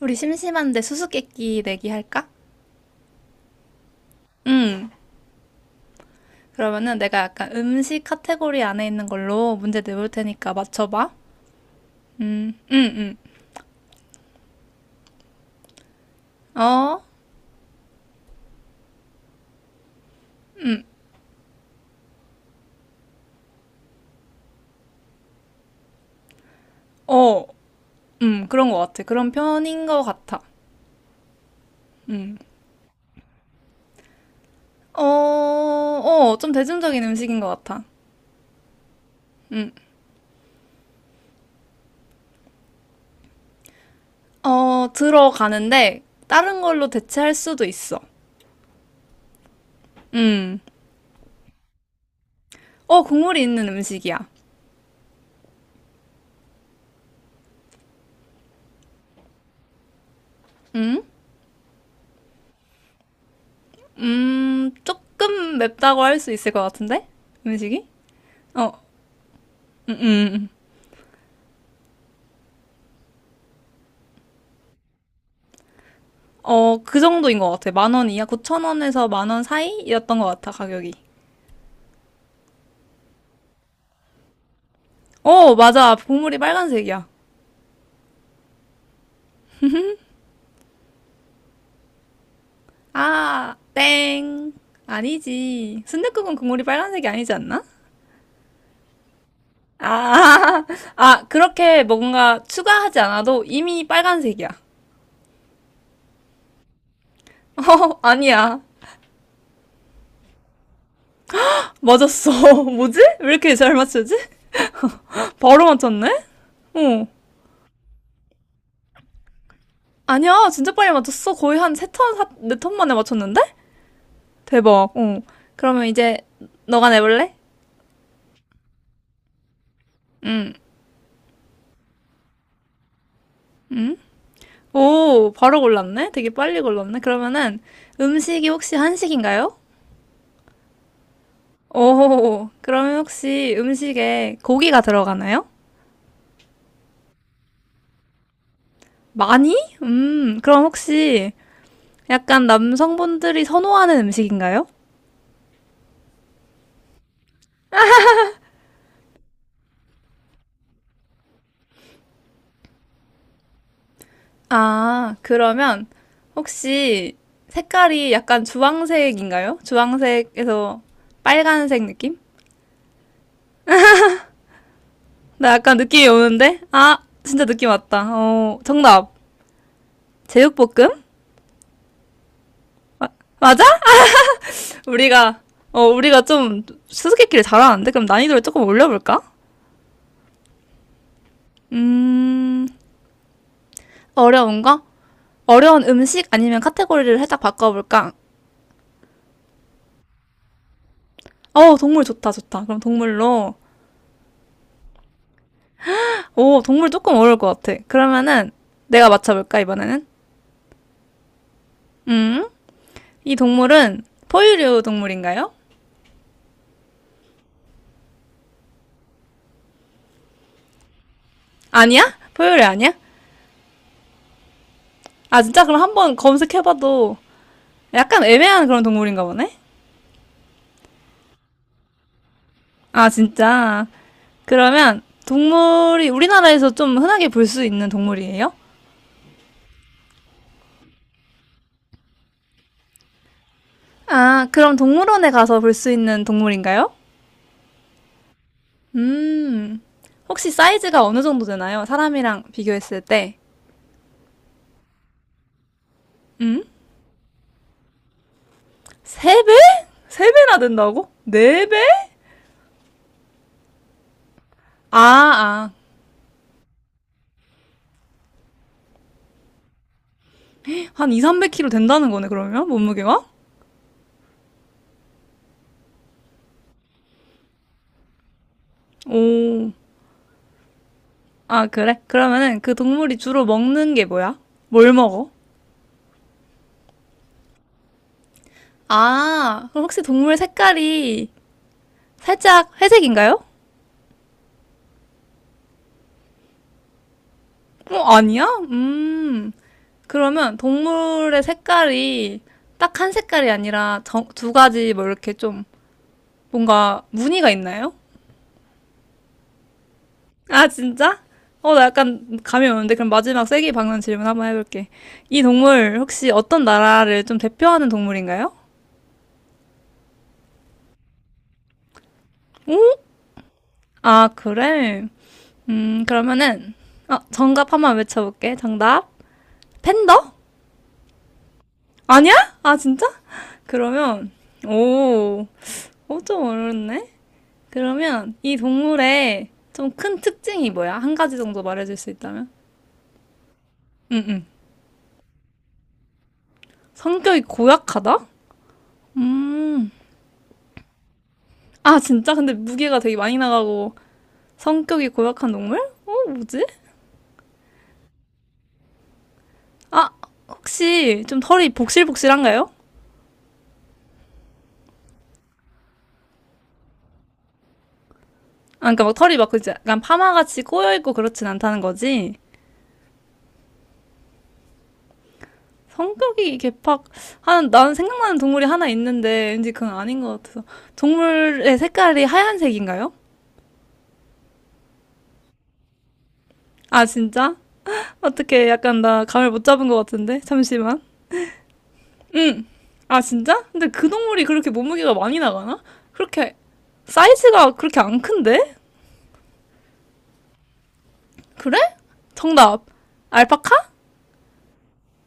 우리 심심한데 수수께끼 내기 할까? 응. 그러면은 내가 약간 음식 카테고리 안에 있는 걸로 문제 내볼 테니까 맞춰봐. 음, 음, 음. 어, 어, 그런 것 같아. 그런 편인 것 같아. 음. 어, 어, 좀 대중적인 음식인 것 같아. 음. 어, 들어가는데 다른 걸로 대체할 수도 있어. 음. 어, 국물이 있는 음식이야. 음? 조금 맵다고 할 수 있을 것 같은데? 음식이? 어, 음, 음. 어, 그 정도인 것 같아. 만원 이하 9천 원에서 만원 사이였던 것 같아, 가격이. 어, 맞아. 국물이 빨간색이야. 아, 땡. 아니지. 순댓국은 국물이 빨간색이 아니지 않나? 아, 아, 그렇게 뭔가 추가하지 않아도 이미 빨간색이야. 어, 아니야. 맞았어. 뭐지? 왜 이렇게 잘 맞추지? 바로 맞췄네? 어. 아니야, 진짜 빨리 맞췄어. 거의 한 세턴 4, 네턴 만에 맞췄는데? 대박. 어. 그러면 이제 너가 내볼래? 응. 오, 바로 골랐네? 되게 빨리 골랐네? 그러면은 음식이 혹시 한식인가요? 오, 그러면 혹시 음식에 고기가 들어가나요? 많이? 그럼 혹시 약간 남성분들이 선호하는 음식인가요? 아, 그러면 혹시 색깔이 약간 주황색인가요? 주황색에서 빨간색 느낌? 나 약간 느낌이 오는데? 아, 진짜 느낌 왔다. 어, 정답. 제육볶음? 맞아. 우리가 우리가 좀 수수께끼를 잘하는데 그럼 난이도를 조금 올려볼까? 음. 어려운 거? 어려운 음식 아니면 카테고리를 살짝 바꿔볼까? 어, 동물 좋다 좋다. 그럼 동물로. 오, 동물 조금 어려울 것 같아. 그러면은 내가 맞춰볼까 이번에는? 음이 동물은 포유류 동물인가요? 아니야? 포유류 아니야? 아, 진짜? 그럼 한번 검색해봐도 약간 애매한 그런 동물인가 보네? 아, 진짜? 그러면 동물이 우리나라에서 좀 흔하게 볼 수 있는 동물이에요? 아, 그럼 동물원에 가서 볼 수 있는 동물인가요? 음, 혹시 사이즈가 어느 정도 되나요? 사람이랑 비교했을 때. 음? 세배세배나 된다고? 네배. 아, 아. 한 2, 300 kg 된다는 거네, 그러면? 몸무게가? 오. 아, 그래? 그러면은 그 동물이 주로 먹는 게 뭐야? 뭘 먹어? 아, 그럼 혹시 동물 색깔이 살짝 회색인가요? 어, 아니야? 음. 그러면 동물의 색깔이 딱 한 색깔이 아니라 정- 두 가지 뭐 이렇게 좀 뭔가 무늬가 있나요? 아, 진짜? 어, 나 약간 감이 오는데 그럼 마지막 세기 박는 질문 한번 해볼게. 이 동물 혹시 어떤 나라를 좀 대표하는 동물인가요? 아, 그래? 그러면은 어, 정답 한번 외쳐볼게. 정답. 팬더? 아니야? 아, 진짜? 그러면 오, 어, 좀 어렵네. 그러면 이 동물의 좀 큰 특징이 뭐야? 한 가지 정도 말해줄 수 있다면? 응, 응. 성격이 고약하다? 음. 아, 진짜? 근데 무게가 되게 많이 나가고 성격이 고약한 동물? 어, 뭐지? 아, 혹시 좀 털이 복실복실한가요? 아, 그러니까 막 털이 막 그지? 약간 파마같이 꼬여있고 그렇진 않다는 거지? 성격이 개팍, 한, 나는 생각나는 동물이 하나 있는데 왠지 그건 아닌 것 같아서. 동물의 색깔이 하얀색인가요? 아, 진짜? 어떻게 약간 나 감을 못 잡은 것 같은데 잠시만. 아, 진짜? 근데 그 동물이 그렇게 몸무게가 많이 나가나? 그렇게 사이즈가 그렇게 안 큰데? 그래? 정답. 알파카?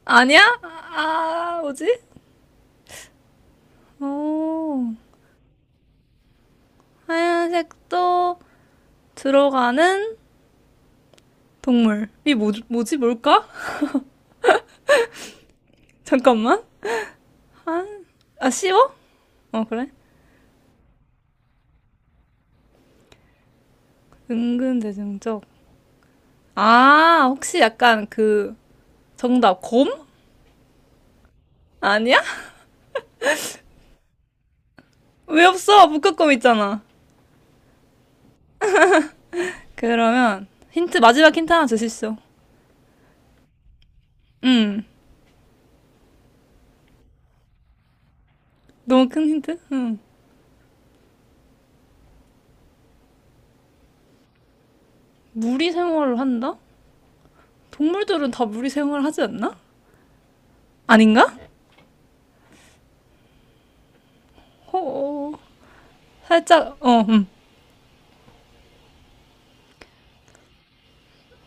아니야? 아, 아, 뭐지? 오. 하얀색도 들어가는 동물이 뭐지 뭘까? 잠깐만. 아, 쉬워? 어, 그래? 은근 대중적. 아, 혹시 약간 그 정답 곰? 아니야? 왜 없어? 북극곰 있잖아. 그러면 힌트. 마지막 힌트 하나 주십시오. 음, 너무 큰 힌트? 무리 생활을 한다? 동물들은 다 무리 생활을 하지 않나? 아닌가? 어, 살짝 어,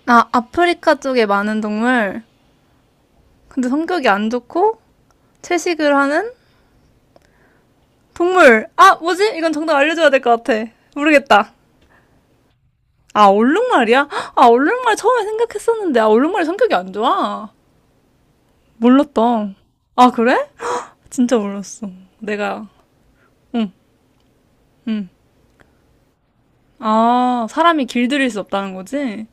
아, 아프리카 쪽에 많은 동물. 근데 성격이 안 좋고 채식을 하는 동물. 아, 뭐지? 이건 정답 알려줘야 될 것 같아. 모르겠다. 아, 얼룩말이야? 아, 얼룩말 처음에 생각했었는데, 아, 얼룩말이 성격이 안 좋아. 몰랐다. 아, 그래? 진짜 몰랐어. 내가, 응, 응. 아, 사람이 길들일 수 없다는 거지?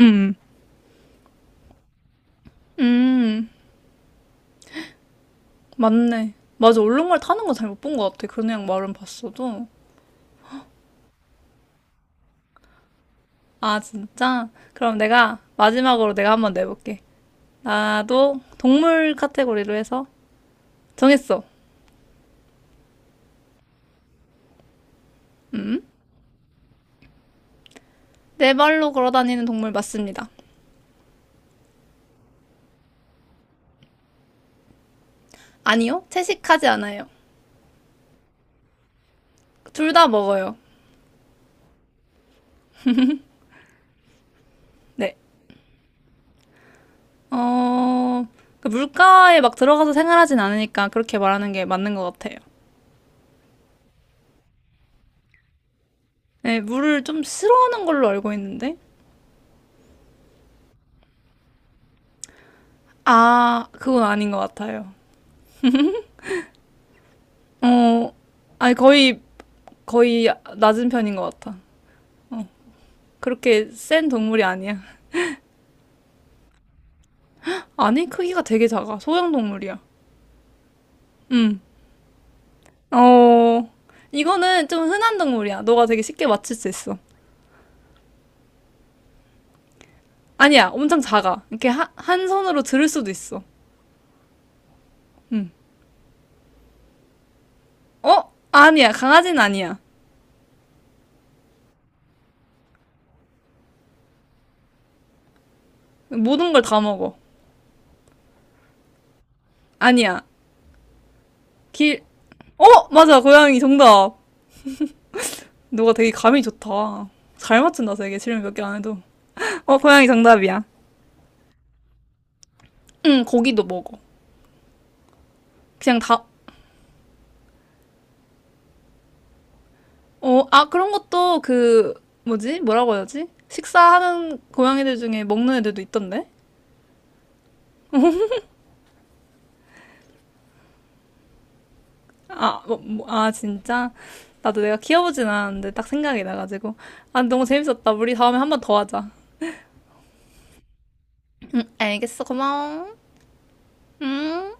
음. 음. 맞네. 맞아, 얼룩말 타는 거 잘 못 본 것 같아. 그냥 말은 봤어도. 아, 진짜? 그럼 내가 마지막으로 내가 한번 내볼게. 나도 동물 카테고리로 해서 정했어. 네 발로 걸어 다니는 동물 맞습니다. 아니요, 채식하지 않아요. 둘 다 먹어요. 네. 어, 그 물가에 막 들어가서 생활하진 않으니까 그렇게 말하는 게 맞는 것 같아요. 네, 물을 좀 싫어하는 걸로 알고 있는데. 아, 그건 아닌 것 같아요. 어, 아니, 거의 낮은 편인 것 같아. 그렇게 센 동물이 아니야. 아니, 크기가 되게 작아. 소형 동물이야. 응. 어, 이거는 좀 흔한 동물이야. 너가 되게 쉽게 맞출 수 있어. 아니야, 엄청 작아. 이렇게 한 손으로 들을 수도 있어. 어? 아니야, 강아지는 아니야. 모든 걸 다 먹어. 아니야. 길, 어? 맞아, 고양이 정답. 너가 되게 감이 좋다. 잘 맞춘다, 되게. 질문 몇 개 안 해도. 어, 고양이 정답이야. 응, 고기도 먹어. 그냥 다, 어, 아, 그런 것도 그, 뭐지? 뭐라고 해야지? 식사하는 고양이들 중에 먹는 애들도 있던데? 아, 뭐, 뭐, 아, 진짜? 나도 내가 키워보진 않았는데 딱 생각이 나가지고. 아, 너무 재밌었다. 우리 다음에 한 번 더 하자. 알겠어. 고마워. 음.